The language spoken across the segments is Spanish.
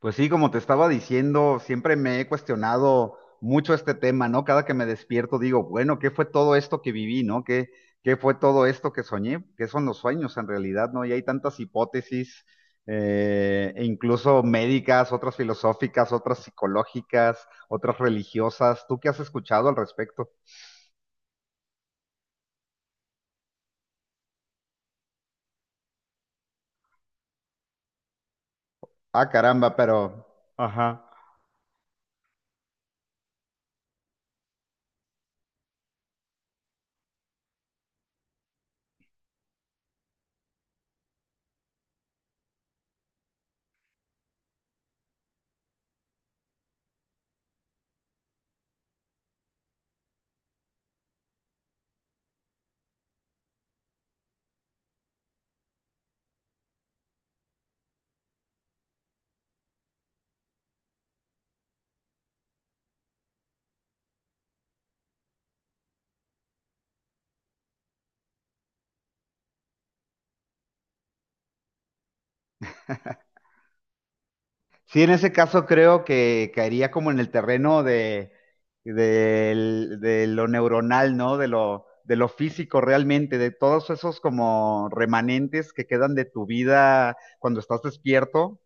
Pues sí, como te estaba diciendo, siempre me he cuestionado mucho este tema, ¿no? Cada que me despierto digo, bueno, ¿qué fue todo esto que viví, ¿no? ¿Qué fue todo esto que soñé? ¿Qué son los sueños en realidad, ¿no? Y hay tantas hipótesis, e incluso médicas, otras filosóficas, otras psicológicas, otras religiosas. ¿Tú qué has escuchado al respecto? Ah, caramba, pero... Ajá. Sí, en ese caso creo que caería como en el terreno de lo neuronal, ¿no? De lo físico realmente, de todos esos como remanentes que quedan de tu vida cuando estás despierto.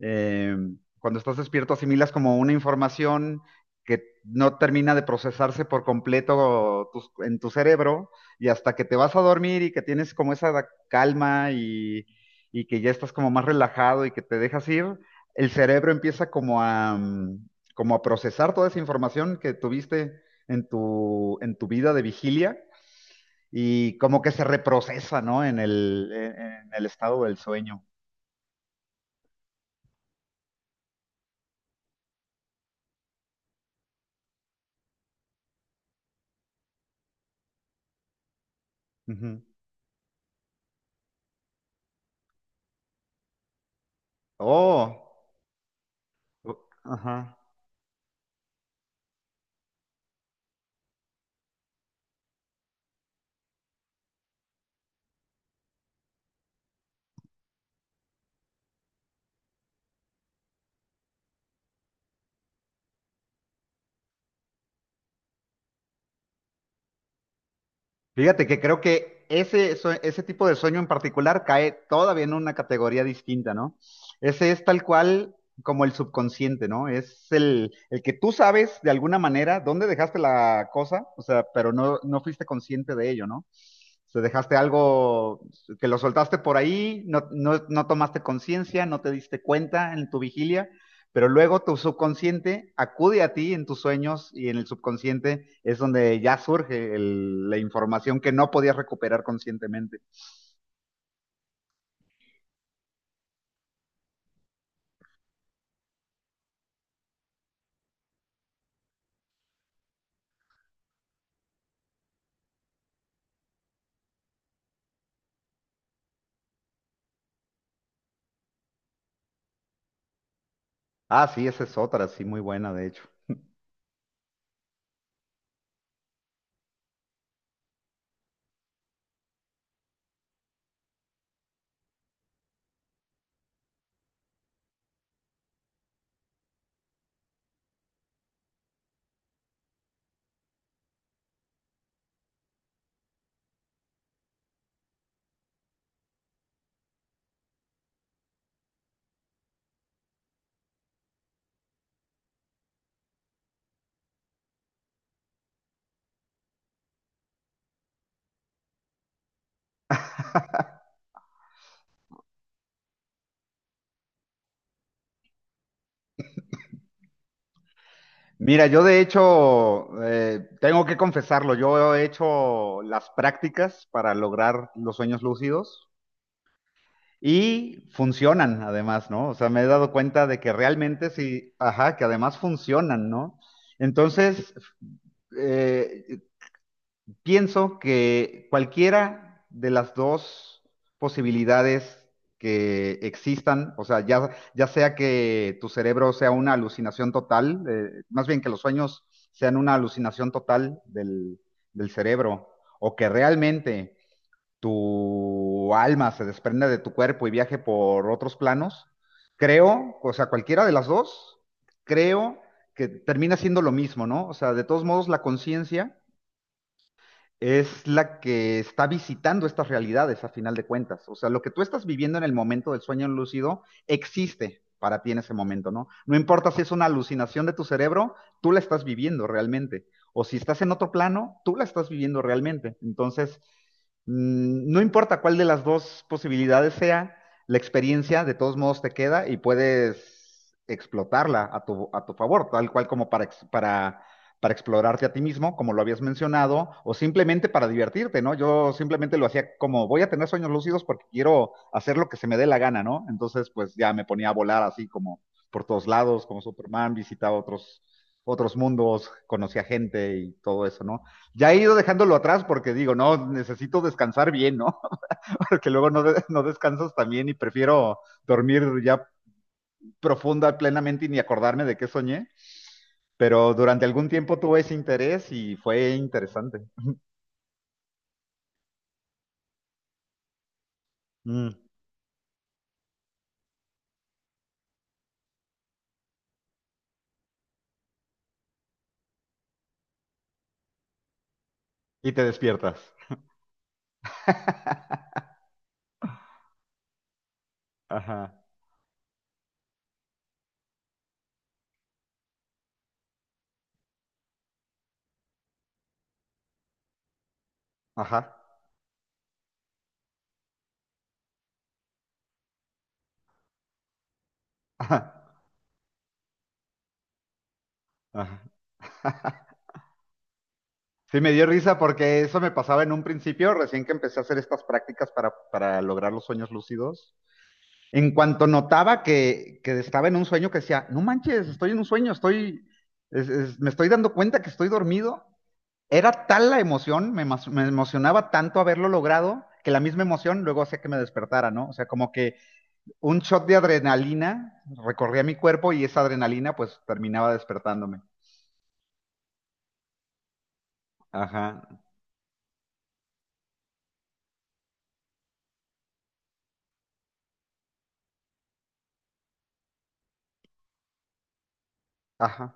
Eh, Cuando estás despierto asimilas como una información que no termina de procesarse por completo en tu cerebro, y hasta que te vas a dormir y que tienes como esa calma, y que ya estás como más relajado y que te dejas ir, el cerebro empieza como como a procesar toda esa información que tuviste en tu vida de vigilia, y como que se reprocesa, ¿no? En el estado del sueño. Ujú. Oh, u- ajá. Fíjate que creo que ese tipo de sueño en particular cae todavía en una categoría distinta, ¿no? Ese es tal cual como el subconsciente, ¿no? Es el que tú sabes de alguna manera dónde dejaste la cosa, o sea, pero no fuiste consciente de ello, ¿no? O sea, dejaste algo que lo soltaste por ahí, no tomaste conciencia, no te diste cuenta en tu vigilia, pero luego tu subconsciente acude a ti en tus sueños, y en el subconsciente es donde ya surge la información que no podías recuperar conscientemente. Ah, sí, esa es otra, sí, muy buena, de hecho. Mira, yo de hecho, tengo que confesarlo, yo he hecho las prácticas para lograr los sueños lúcidos y funcionan además, ¿no? O sea, me he dado cuenta de que realmente sí, ajá, que además funcionan, ¿no? Entonces, eh, pienso que cualquiera de las dos posibilidades que existan, o sea, ya, ya sea que tu cerebro sea una alucinación total, más bien que los sueños sean una alucinación total del cerebro, o que realmente tu alma se desprenda de tu cuerpo y viaje por otros planos, creo, o sea, cualquiera de las dos, creo que termina siendo lo mismo, ¿no? O sea, de todos modos, la conciencia es la que está visitando estas realidades a final de cuentas. O sea, lo que tú estás viviendo en el momento del sueño lúcido existe para ti en ese momento, ¿no? No importa si es una alucinación de tu cerebro, tú la estás viviendo realmente. O si estás en otro plano, tú la estás viviendo realmente. Entonces, no importa cuál de las dos posibilidades sea, la experiencia de todos modos te queda y puedes explotarla a tu favor, tal cual como para, para explorarte a ti mismo, como lo habías mencionado, o simplemente para divertirte, ¿no? Yo simplemente lo hacía como, voy a tener sueños lúcidos porque quiero hacer lo que se me dé la gana, ¿no? Entonces, pues ya me ponía a volar así como por todos lados, como Superman, visitaba otros mundos, conocía gente y todo eso, ¿no? Ya he ido dejándolo atrás porque digo, no, necesito descansar bien, ¿no? Porque luego no, no descansas también y prefiero dormir ya profunda, plenamente y ni acordarme de qué soñé, pero durante algún tiempo tuve ese interés y fue interesante. Mm. Y te despiertas. Ajá, ajá, ajá, ajá. Sí, me dio risa porque eso me pasaba en un principio, recién que empecé a hacer estas prácticas para lograr los sueños lúcidos. En cuanto notaba que estaba en un sueño, que decía, no manches, estoy en un sueño, estoy, me estoy dando cuenta que estoy dormido. Era tal la emoción, me emocionaba tanto haberlo logrado, que la misma emoción luego hacía que me despertara, ¿no? O sea, como que un shot de adrenalina recorría mi cuerpo y esa adrenalina pues terminaba despertándome. Ajá. Ajá.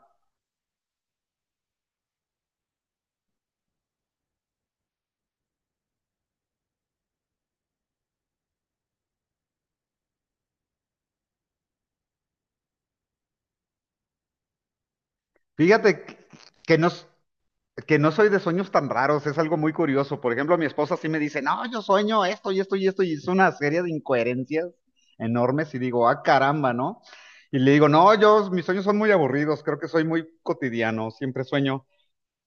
Fíjate que no, s- que no soy de sueños tan raros, es algo muy curioso. Por ejemplo, mi esposa sí me dice, no, yo sueño esto y esto y esto, y es una serie de incoherencias enormes, y digo, ah, caramba, ¿no? Y le digo, no, yo, mis sueños son muy aburridos, creo que soy muy cotidiano, siempre sueño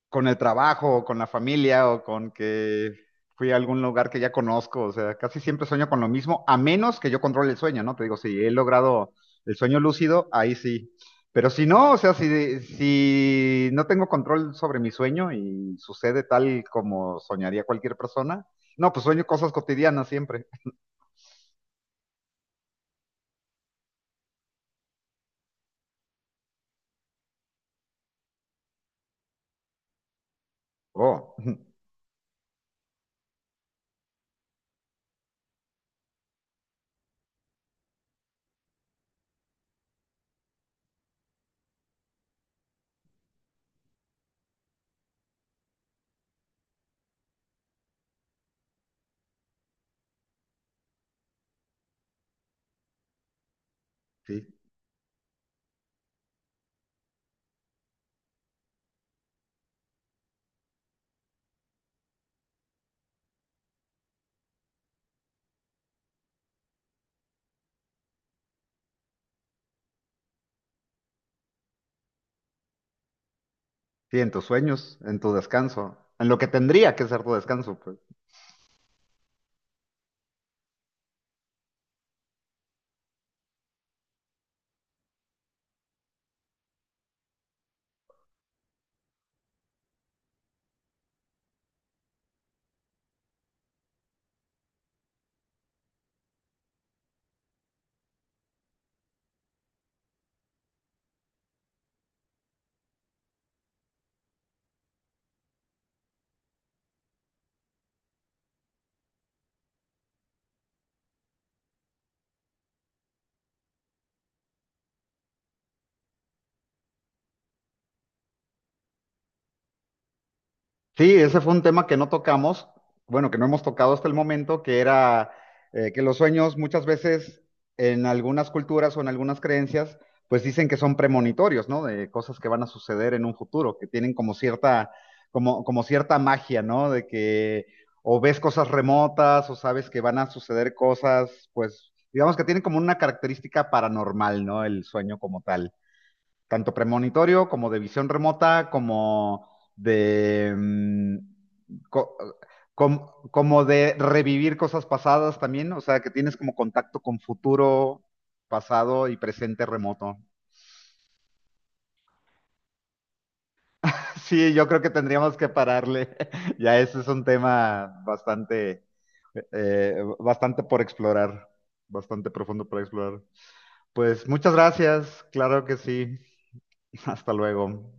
con el trabajo o con la familia o con que fui a algún lugar que ya conozco. O sea, casi siempre sueño con lo mismo, a menos que yo controle el sueño, ¿no? Te digo, si he logrado el sueño lúcido, ahí sí. Pero si no, o sea, si no tengo control sobre mi sueño y sucede tal como soñaría cualquier persona, no, pues sueño cosas cotidianas siempre. Oh, sí, sí, en tus sueños, en tu descanso, en lo que tendría que ser tu descanso, pues. Sí, ese fue un tema que no tocamos, bueno, que no hemos tocado hasta el momento, que era que los sueños muchas veces en algunas culturas o en algunas creencias, pues dicen que son premonitorios, ¿no? De cosas que van a suceder en un futuro, que tienen como cierta, como cierta magia, ¿no? De que o ves cosas remotas o sabes que van a suceder cosas, pues digamos que tienen como una característica paranormal, ¿no? El sueño como tal tanto premonitorio como de visión remota, como de... co- como de revivir cosas pasadas también, o sea, que tienes como contacto con futuro, pasado y presente remoto. Sí, yo creo que tendríamos que pararle. Ya ese es un tema bastante, bastante por explorar, bastante profundo por explorar. Pues muchas gracias, claro que sí. Hasta luego.